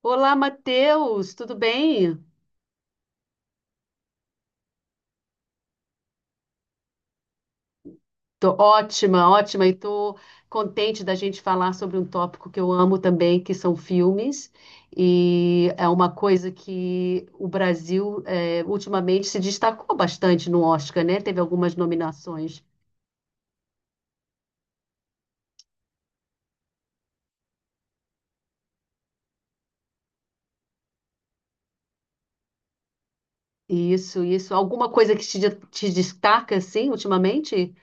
Olá, Matheus, tudo bem? Tô ótima, ótima, e tô contente da gente falar sobre um tópico que eu amo também, que são filmes, e é uma coisa que o Brasil ultimamente se destacou bastante no Oscar, né? Teve algumas nominações. Isso, isso. Alguma coisa que te destaca, assim, ultimamente?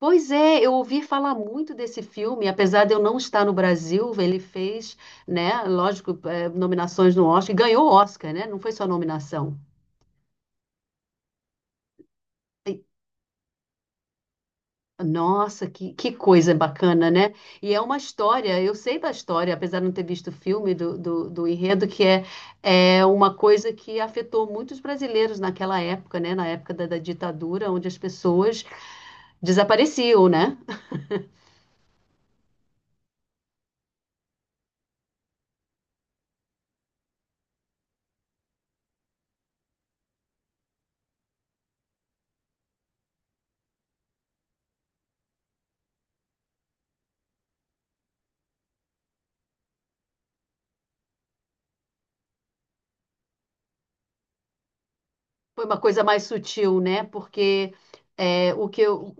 Pois é, eu ouvi falar muito desse filme, apesar de eu não estar no Brasil, ele fez, né, lógico, nominações no Oscar, e ganhou o Oscar, né? Não foi só nominação. E- Nossa, que coisa bacana, né? E é uma história, eu sei da história, apesar de não ter visto o filme do enredo, que é, é uma coisa que afetou muitos brasileiros naquela época, né? Na época da ditadura, onde as pessoas desapareciam, né? Foi uma coisa mais sutil, né? Porque é, o que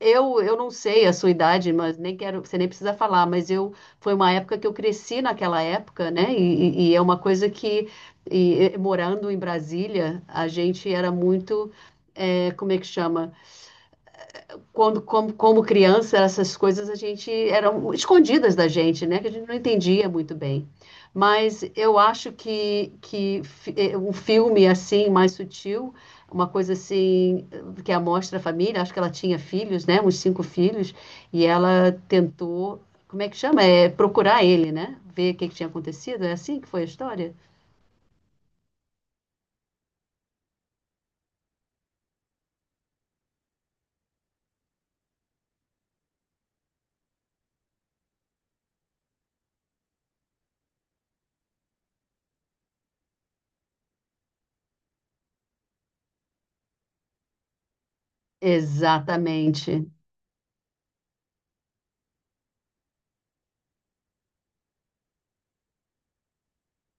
eu não sei a sua idade, mas nem quero, você nem precisa falar, mas eu foi uma época que eu cresci naquela época, né? E é uma coisa que e morando em Brasília, a gente era muito é, como é que chama? Como criança, essas coisas a gente eram escondidas da gente, né? Que a gente não entendia muito bem. Mas eu acho que um filme assim, mais sutil, uma coisa assim, que amostra a família, acho que ela tinha filhos, né? Uns cinco filhos, e ela tentou, como é que chama? É procurar ele, né? Ver o que que tinha acontecido. É assim que foi a história? Exatamente.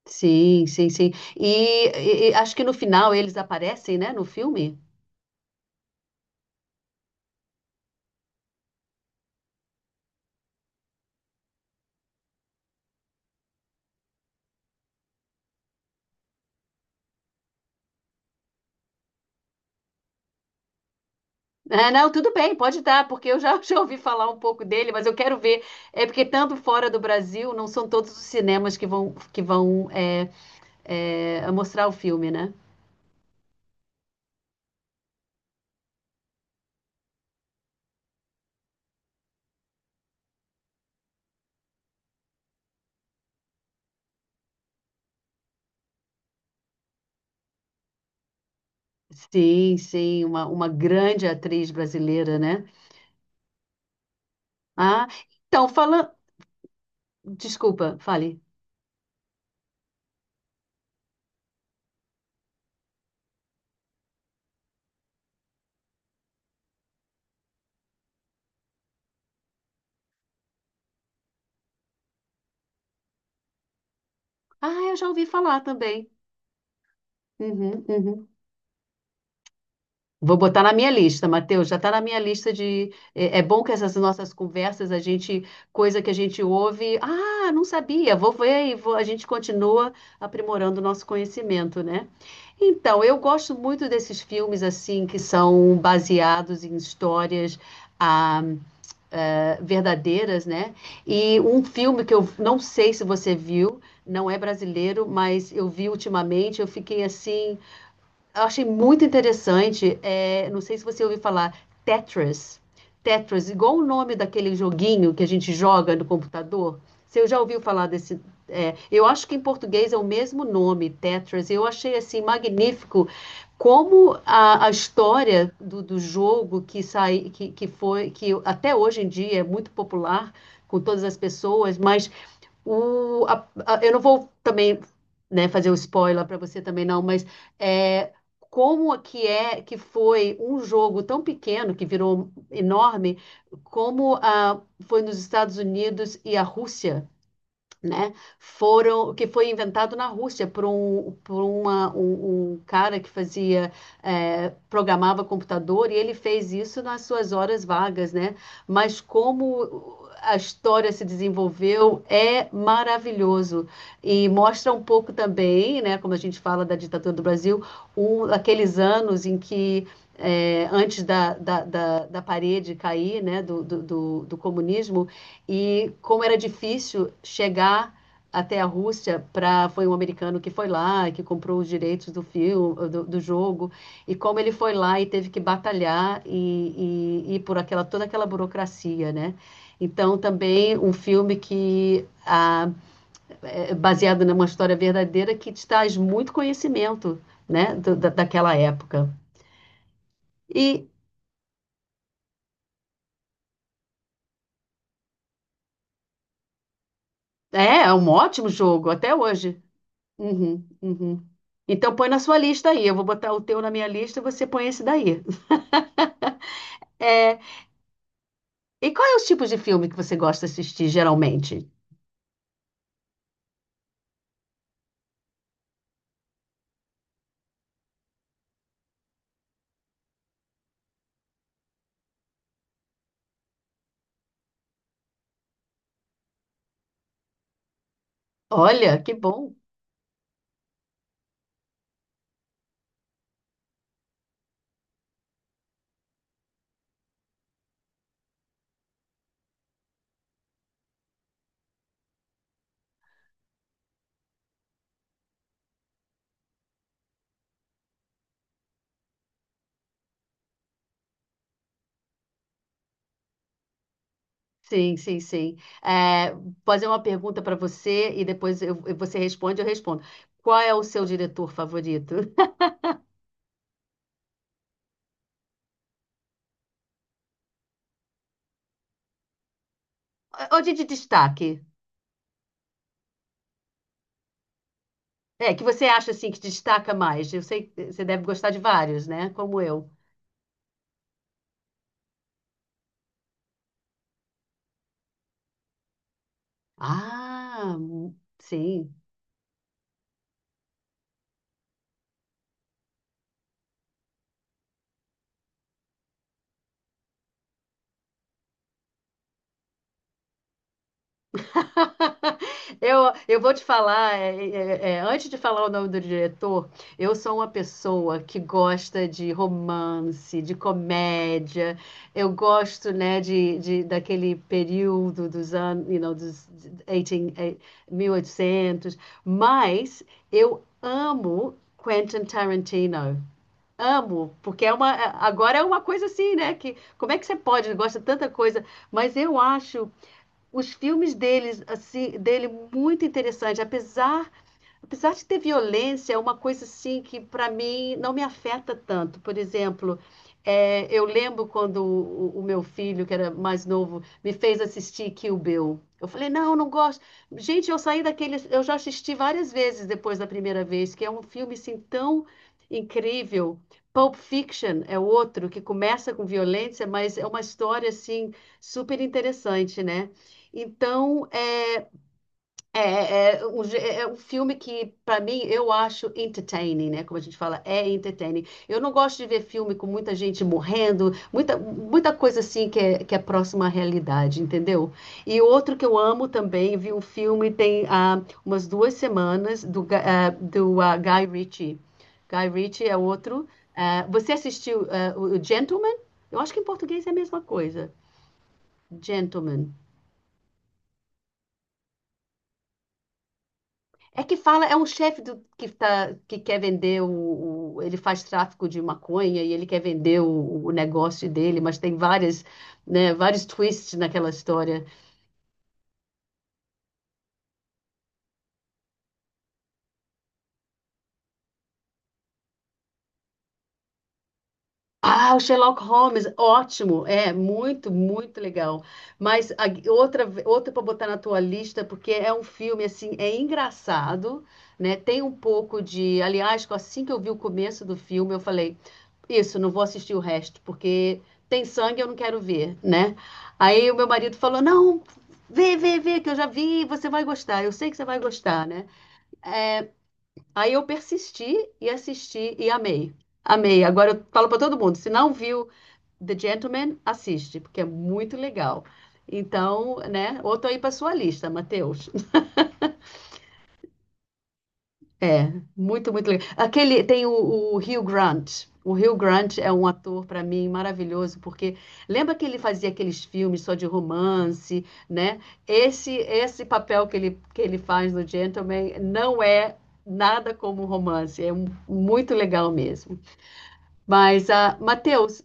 Sim, sim, sim. E acho que no final eles aparecem, né, no filme? É, não, tudo bem, pode dar, porque eu já, já ouvi falar um pouco dele, mas eu quero ver. É porque tanto fora do Brasil, não são todos os cinemas que vão mostrar o filme, né? Sim, sim, uma grande atriz brasileira, né? Ah, então, falando. Desculpa, fale. Ah, eu já ouvi falar também. Uhum, uhum. Vou botar na minha lista, Matheus, já está na minha lista de. É, é bom que essas nossas conversas, a gente, coisa que a gente ouve, ah, não sabia, vou ver e vou- a gente continua aprimorando o nosso conhecimento, né? Então, eu gosto muito desses filmes assim que são baseados em histórias ah, verdadeiras, né? E um filme que eu não sei se você viu, não é brasileiro, mas eu vi ultimamente, eu fiquei assim eu achei muito interessante, é, não sei se você ouviu falar, Tetris. Tetris, igual o nome daquele joguinho que a gente joga no computador. Você já ouviu falar desse? É, eu acho que em português é o mesmo nome, Tetris. Eu achei assim magnífico como a história do jogo que sai, que até hoje em dia é muito popular com todas as pessoas, mas eu não vou também, né, fazer o spoiler para você também não, mas é, como que é que foi um jogo tão pequeno que virou enorme, como a foi nos Estados Unidos e a Rússia né, foram, que foi inventado na Rússia por um cara que fazia, programava computador e ele fez isso nas suas horas vagas, né? Mas como a história se desenvolveu é maravilhoso e mostra um pouco também, né, como a gente fala da ditadura do Brasil, um, aqueles anos em que antes da parede cair, né, do comunismo, e como era difícil chegar até a Rússia para foi um americano que foi lá que comprou os direitos do filme do jogo e como ele foi lá e teve que batalhar e por aquela toda aquela burocracia né então também um filme que é baseado numa história verdadeira que te traz muito conhecimento né daquela época e é, é um ótimo jogo até hoje. Uhum, uhum. Então põe na sua lista aí. Eu vou botar o teu na minha lista e você põe esse daí. É, e qual é os tipos de filme que você gosta de assistir geralmente? Olha, que bom. Sim, sim, sim. É, vou fazer uma pergunta para você e depois você responde, eu respondo. Qual é o seu diretor favorito? Ou de destaque? É, que você acha assim que destaca mais? Eu sei que você deve gostar de vários, né? Como eu. Ah, sim. Eu vou te falar, antes de falar o nome do diretor, eu sou uma pessoa que gosta de romance, de comédia, eu gosto, né, daquele período dos anos, you know, dos 18, 1800, mas eu amo Quentin Tarantino. Amo, porque é uma, é, agora é uma coisa assim, né? Que, como é que você pode, gosta de tanta coisa, mas eu acho os filmes deles, assim, dele muito interessante, apesar apesar de ter violência, é uma coisa assim que para mim não me afeta tanto. Por exemplo, eu lembro quando o meu filho, que era mais novo, me fez assistir Kill Bill. Eu falei, não, não gosto. Gente, eu saí daquele. Eu já assisti várias vezes depois da primeira vez, que é um filme assim tão incrível. Pulp Fiction é outro que começa com violência, mas é uma história assim super interessante, né? Então, é um filme que, para mim, eu acho entertaining, né? Como a gente fala, é entertaining. Eu não gosto de ver filme com muita gente morrendo, muita, muita coisa assim que é próxima à realidade, entendeu? E outro que eu amo também, vi um filme tem umas duas semanas, do Guy Ritchie. Guy Ritchie é outro. Ah, você assistiu o Gentleman? Eu acho que em português é a mesma coisa. Gentleman. É que fala, é um chefe do- que, tá, que quer vender ele faz tráfico de maconha e ele quer vender o negócio dele, mas tem várias, né, vários twists naquela história. Ah, o Sherlock Holmes, ótimo, é muito, muito legal. Mas outra para botar na tua lista, porque é um filme assim, é engraçado, né? Tem um pouco de, aliás, assim que eu vi o começo do filme, eu falei, isso, não vou assistir o resto, porque tem sangue, eu não quero ver, né? Aí o meu marido falou, não, vê, que eu já vi, você vai gostar, eu sei que você vai gostar, né? Aí eu persisti e assisti e amei. Amei. Agora eu falo para todo mundo, se não viu The Gentleman, assiste, porque é muito legal. Então, né? Outro aí para sua lista, Matheus. É, muito, muito legal. Aquele tem o Hugh Grant. O Hugh Grant é um ator para mim maravilhoso, porque lembra que ele fazia aqueles filmes só de romance, né? Esse papel que ele faz no Gentleman não é nada como um romance, muito legal mesmo. Mas, ah, Matheus,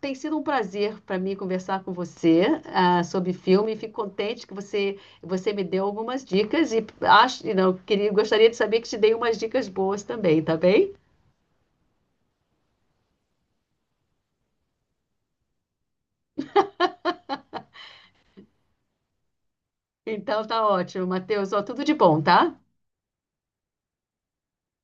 tem sido um prazer para mim conversar com você sobre filme. Fico contente que você, você me deu algumas dicas e acho, e não, queria, gostaria de saber que te dei umas dicas boas também, tá bem? Então tá ótimo, Matheus. Ó, tudo de bom, tá?